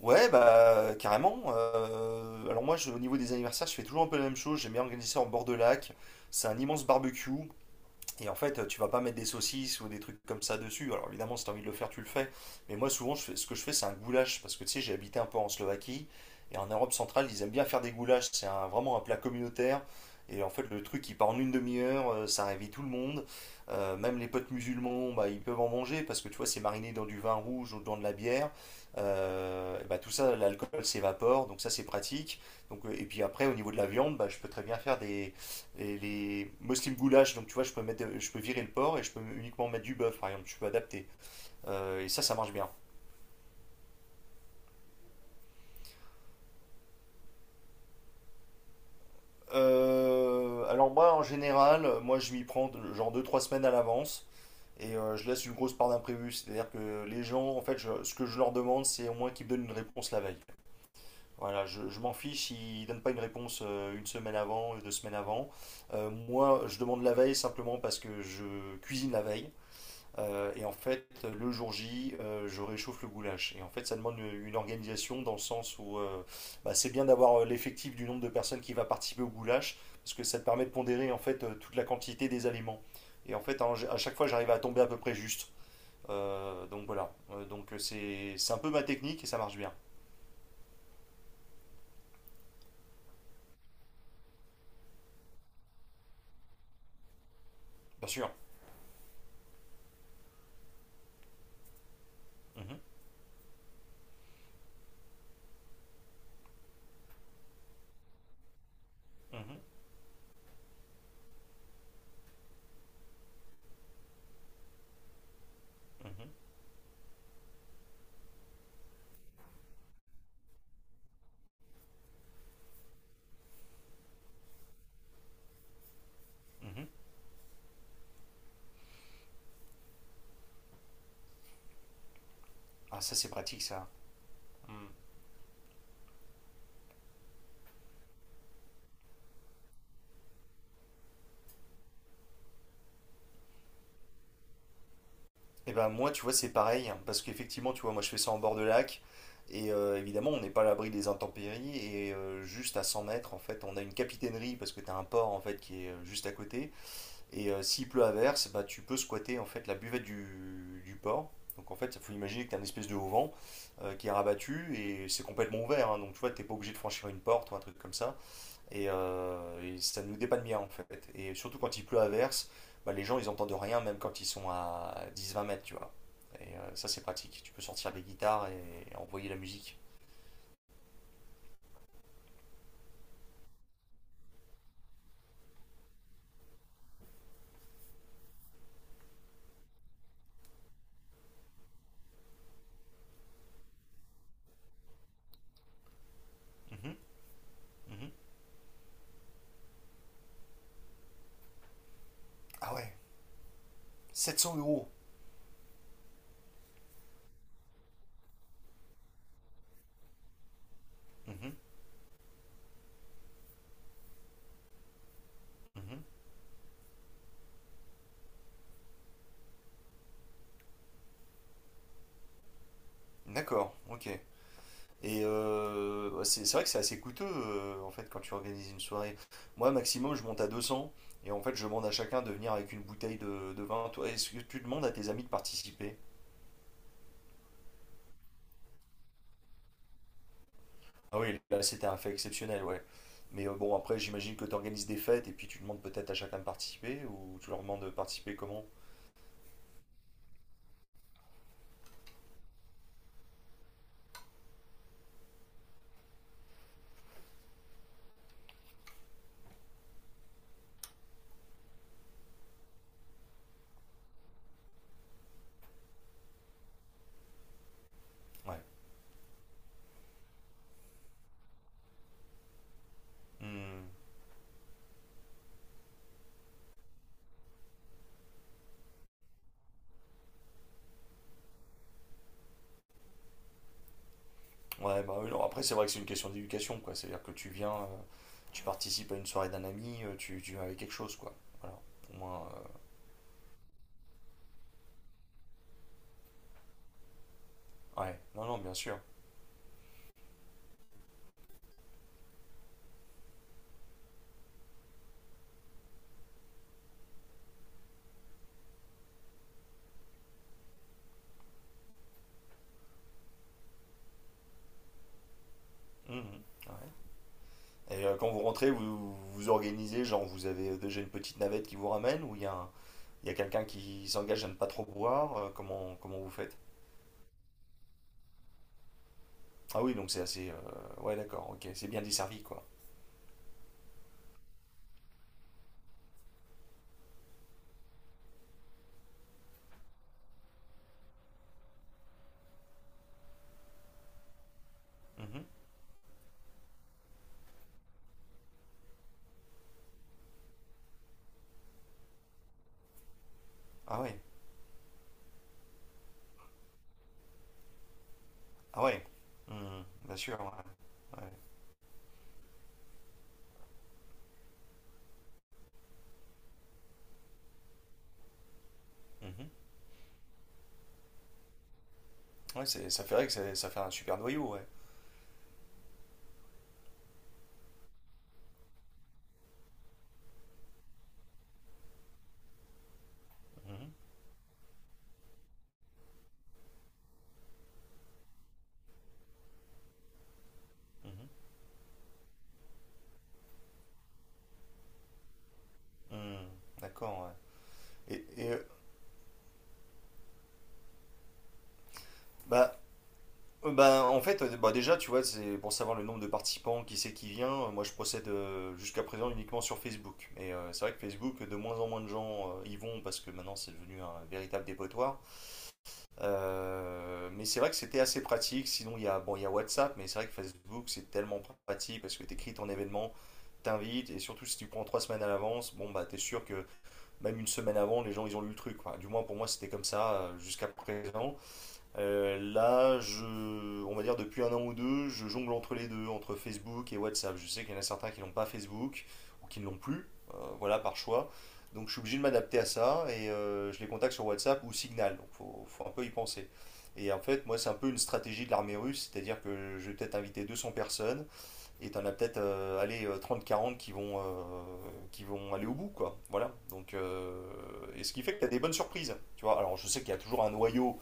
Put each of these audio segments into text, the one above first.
Ouais, bah carrément. Alors moi, au niveau des anniversaires, je fais toujours un peu la même chose. J'aime bien organiser ça en bord de lac. C'est un immense barbecue. Et en fait, tu vas pas mettre des saucisses ou des trucs comme ça dessus. Alors évidemment, si tu as envie de le faire, tu le fais. Mais moi, souvent, ce que je fais, c'est un goulash. Parce que tu sais, j'ai habité un peu en Slovaquie. Et en Europe centrale, ils aiment bien faire des goulash. C'est vraiment un plat communautaire. Et en fait, le truc, il part en une demi-heure. Ça réveille tout le monde. Même les potes musulmans, bah, ils peuvent en manger. Parce que tu vois, c'est mariné dans du vin rouge ou dans de la bière. Bah, tout ça, l'alcool s'évapore. Donc ça, c'est pratique. Donc, et puis après, au niveau de la viande, bah, je peux très bien faire des et les Muslim goulash, donc tu vois, je peux mettre, je peux virer le porc et je peux uniquement mettre du bœuf, par exemple, je peux adapter. Et ça marche bien. Alors moi, en général, moi, je m'y prends genre 2, 3 semaines à l'avance et je laisse une grosse part d'imprévu. C'est-à-dire que les gens, en fait, ce que je leur demande, c'est au moins qu'ils me donnent une réponse la veille. Voilà, je m'en fiche, ils donnent pas une réponse une semaine avant, 2 semaines avant. Moi, je demande la veille simplement parce que je cuisine la veille. Et en fait, le jour J, je réchauffe le goulash. Et en fait, ça demande une organisation dans le sens où bah, c'est bien d'avoir l'effectif du nombre de personnes qui va participer au goulash, parce que ça te permet de pondérer en fait toute la quantité des aliments. Et en fait, à chaque fois, j'arrive à tomber à peu près juste. Donc voilà. Donc c'est un peu ma technique et ça marche bien. Bien sûr. Mhm, mhm, mhm, mhm. Ah, ça c'est pratique ça. Mm. Et ben moi, tu vois, c'est pareil, hein, parce qu'effectivement, tu vois, moi je fais ça en bord de lac, et évidemment, on n'est pas à l'abri des intempéries, et juste à 100 mètres, en fait, on a une capitainerie, parce que tu as un port, en fait, qui est juste à côté, et s'il pleut à verse, bah, tu peux squatter, en fait, la buvette du port. Donc en fait, il faut imaginer que tu as une espèce de haut vent qui est rabattu, et c'est complètement ouvert, hein, donc tu vois, tu n'es pas obligé de franchir une porte ou un truc comme ça. Et, ça nous dépanne bien en fait. Et surtout quand il pleut à verse, bah, les gens ils entendent rien même quand ils sont à 10, 20 mètres, tu vois. Et ça c'est pratique. Tu peux sortir des guitares et envoyer la musique. Mhm, mhm. Ah ouais, 700 euros. Mhm, mhm. D'accord, ok. Et bah, c'est vrai que c'est assez coûteux en fait quand tu organises une soirée. Moi maximum je monte à 200 et en fait je demande à chacun de venir avec une bouteille de vin. Toi, est-ce que tu demandes à tes amis de participer? Ah oui, là c'était un fait exceptionnel, ouais. Mais bon, après j'imagine que tu organises des fêtes et puis tu demandes peut-être à chacun de participer ou tu leur demandes de participer comment? Ouais. Hmm. Ouais, bah oui, non, après c'est vrai que c'est une question d'éducation, quoi. C'est-à-dire que tu viens, tu participes à une soirée d'un ami, tu viens avec quelque chose, quoi. Voilà. Au moins, ouais. Non, non, bien sûr. Mhm. Ouais. Et quand vous rentrez, vous vous organisez, genre vous avez déjà une petite navette qui vous ramène ou il y a il y a quelqu'un qui s'engage à ne pas trop boire, comment vous faites? Ah oui, donc c'est assez. Ouais, d'accord, ok. C'est bien desservi, quoi. Mhm. Ah ouais, ah ouais. Mhm. Bien sûr, ouais. Ouais, mhm. Ouais, c'est, ça fait vrai que ça fait un super noyau, ouais. Mhm. Mhm. Mhm. D'accord, ouais. Et, bah, bah, en fait, bah, déjà, tu vois, c'est pour savoir le nombre de participants, qui c'est qui vient. Moi, je procède jusqu'à présent uniquement sur Facebook. Et c'est vrai que Facebook, de moins en moins de gens y vont parce que maintenant, c'est devenu un véritable dépotoir. Mais c'est vrai que c'était assez pratique. Sinon, il y a, bon, il y a WhatsApp, mais c'est vrai que Facebook, c'est tellement pratique parce que tu écris ton événement, t'invites, et surtout si tu prends 3 semaines à l'avance, bon, bah, t'es sûr que même une semaine avant, les gens, ils ont lu le truc, quoi. Du moins, pour moi, c'était comme ça jusqu'à présent. Là, on va dire depuis un an ou deux, je jongle entre les deux, entre Facebook et WhatsApp. Je sais qu'il y en a certains qui n'ont pas Facebook ou qui ne l'ont plus, voilà, par choix. Donc je suis obligé de m'adapter à ça et je les contacte sur WhatsApp ou Signal. Donc faut un peu y penser. Et en fait, moi, c'est un peu une stratégie de l'armée russe, c'est-à-dire que je vais peut-être inviter 200 personnes et t'en as peut-être allez, 30-40 qui vont aller au bout quoi. Voilà. Donc, et ce qui fait que tu as des bonnes surprises, tu vois. Alors, je sais qu'il y a toujours un noyau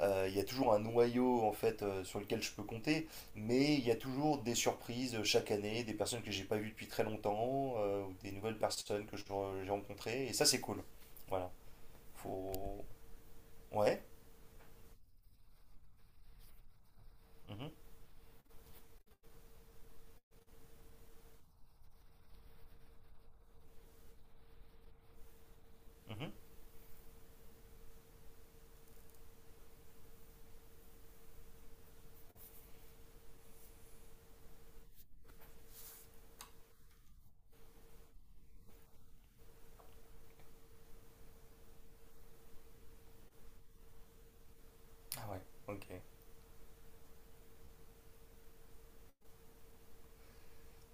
en fait sur lequel je peux compter, mais il y a toujours des surprises chaque année, des personnes que j'ai pas vues depuis très longtemps, ou des nouvelles personnes que je j'ai rencontrées, et ça c'est cool. Voilà. Faut. Ouais. Mhm, mhm. Ah ouais. Ok.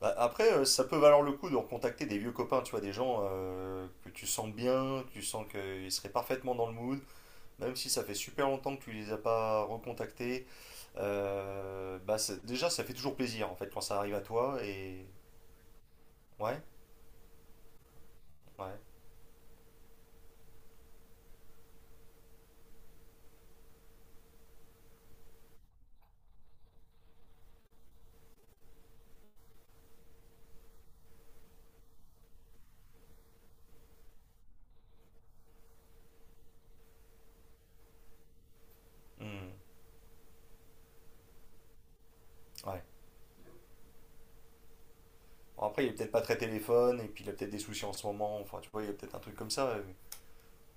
Bah, après, ça peut valoir le coup de recontacter des vieux copains, tu vois, des gens que tu sens bien, tu sens qu'ils seraient parfaitement dans le mood, même si ça fait super longtemps que tu les as pas recontactés. Bah, déjà, ça fait toujours plaisir en fait quand ça arrive à toi et ouais, ouais. Hmm, ouais. Bon, après, il est peut-être pas très téléphone, et puis il a peut-être des soucis en ce moment, enfin, tu vois, il y a peut-être un truc comme ça.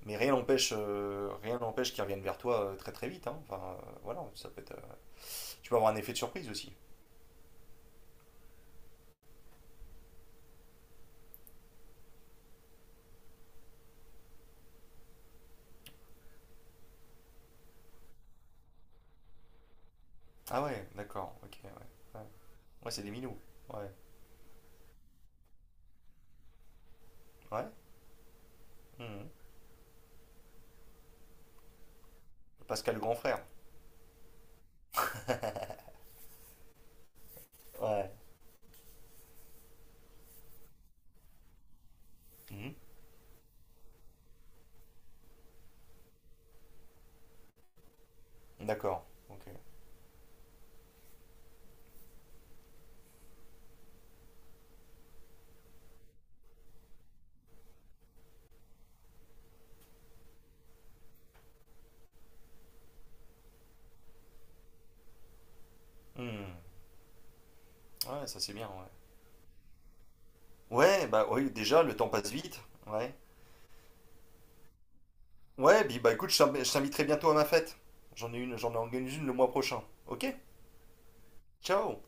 Mais rien n'empêche, qu'il revienne vers toi très très vite, hein. Enfin, voilà, ça peut être. Tu peux avoir un effet de surprise aussi. Ah ouais, d'accord, ok, ouais. Ouais, ouais, c'est des minous. Ouais, ouais. Hmm. Pascal le grand frère. Ouais. Mhm. D'accord, ok. Hmm. Ouais, ça c'est bien, ouais. Ouais, bah oui, déjà, le temps passe vite. Ouais. Ouais, bah écoute, je t'inviterai bientôt à ma fête. J'en ai une, j'en organise une le mois prochain. Ok? Ciao!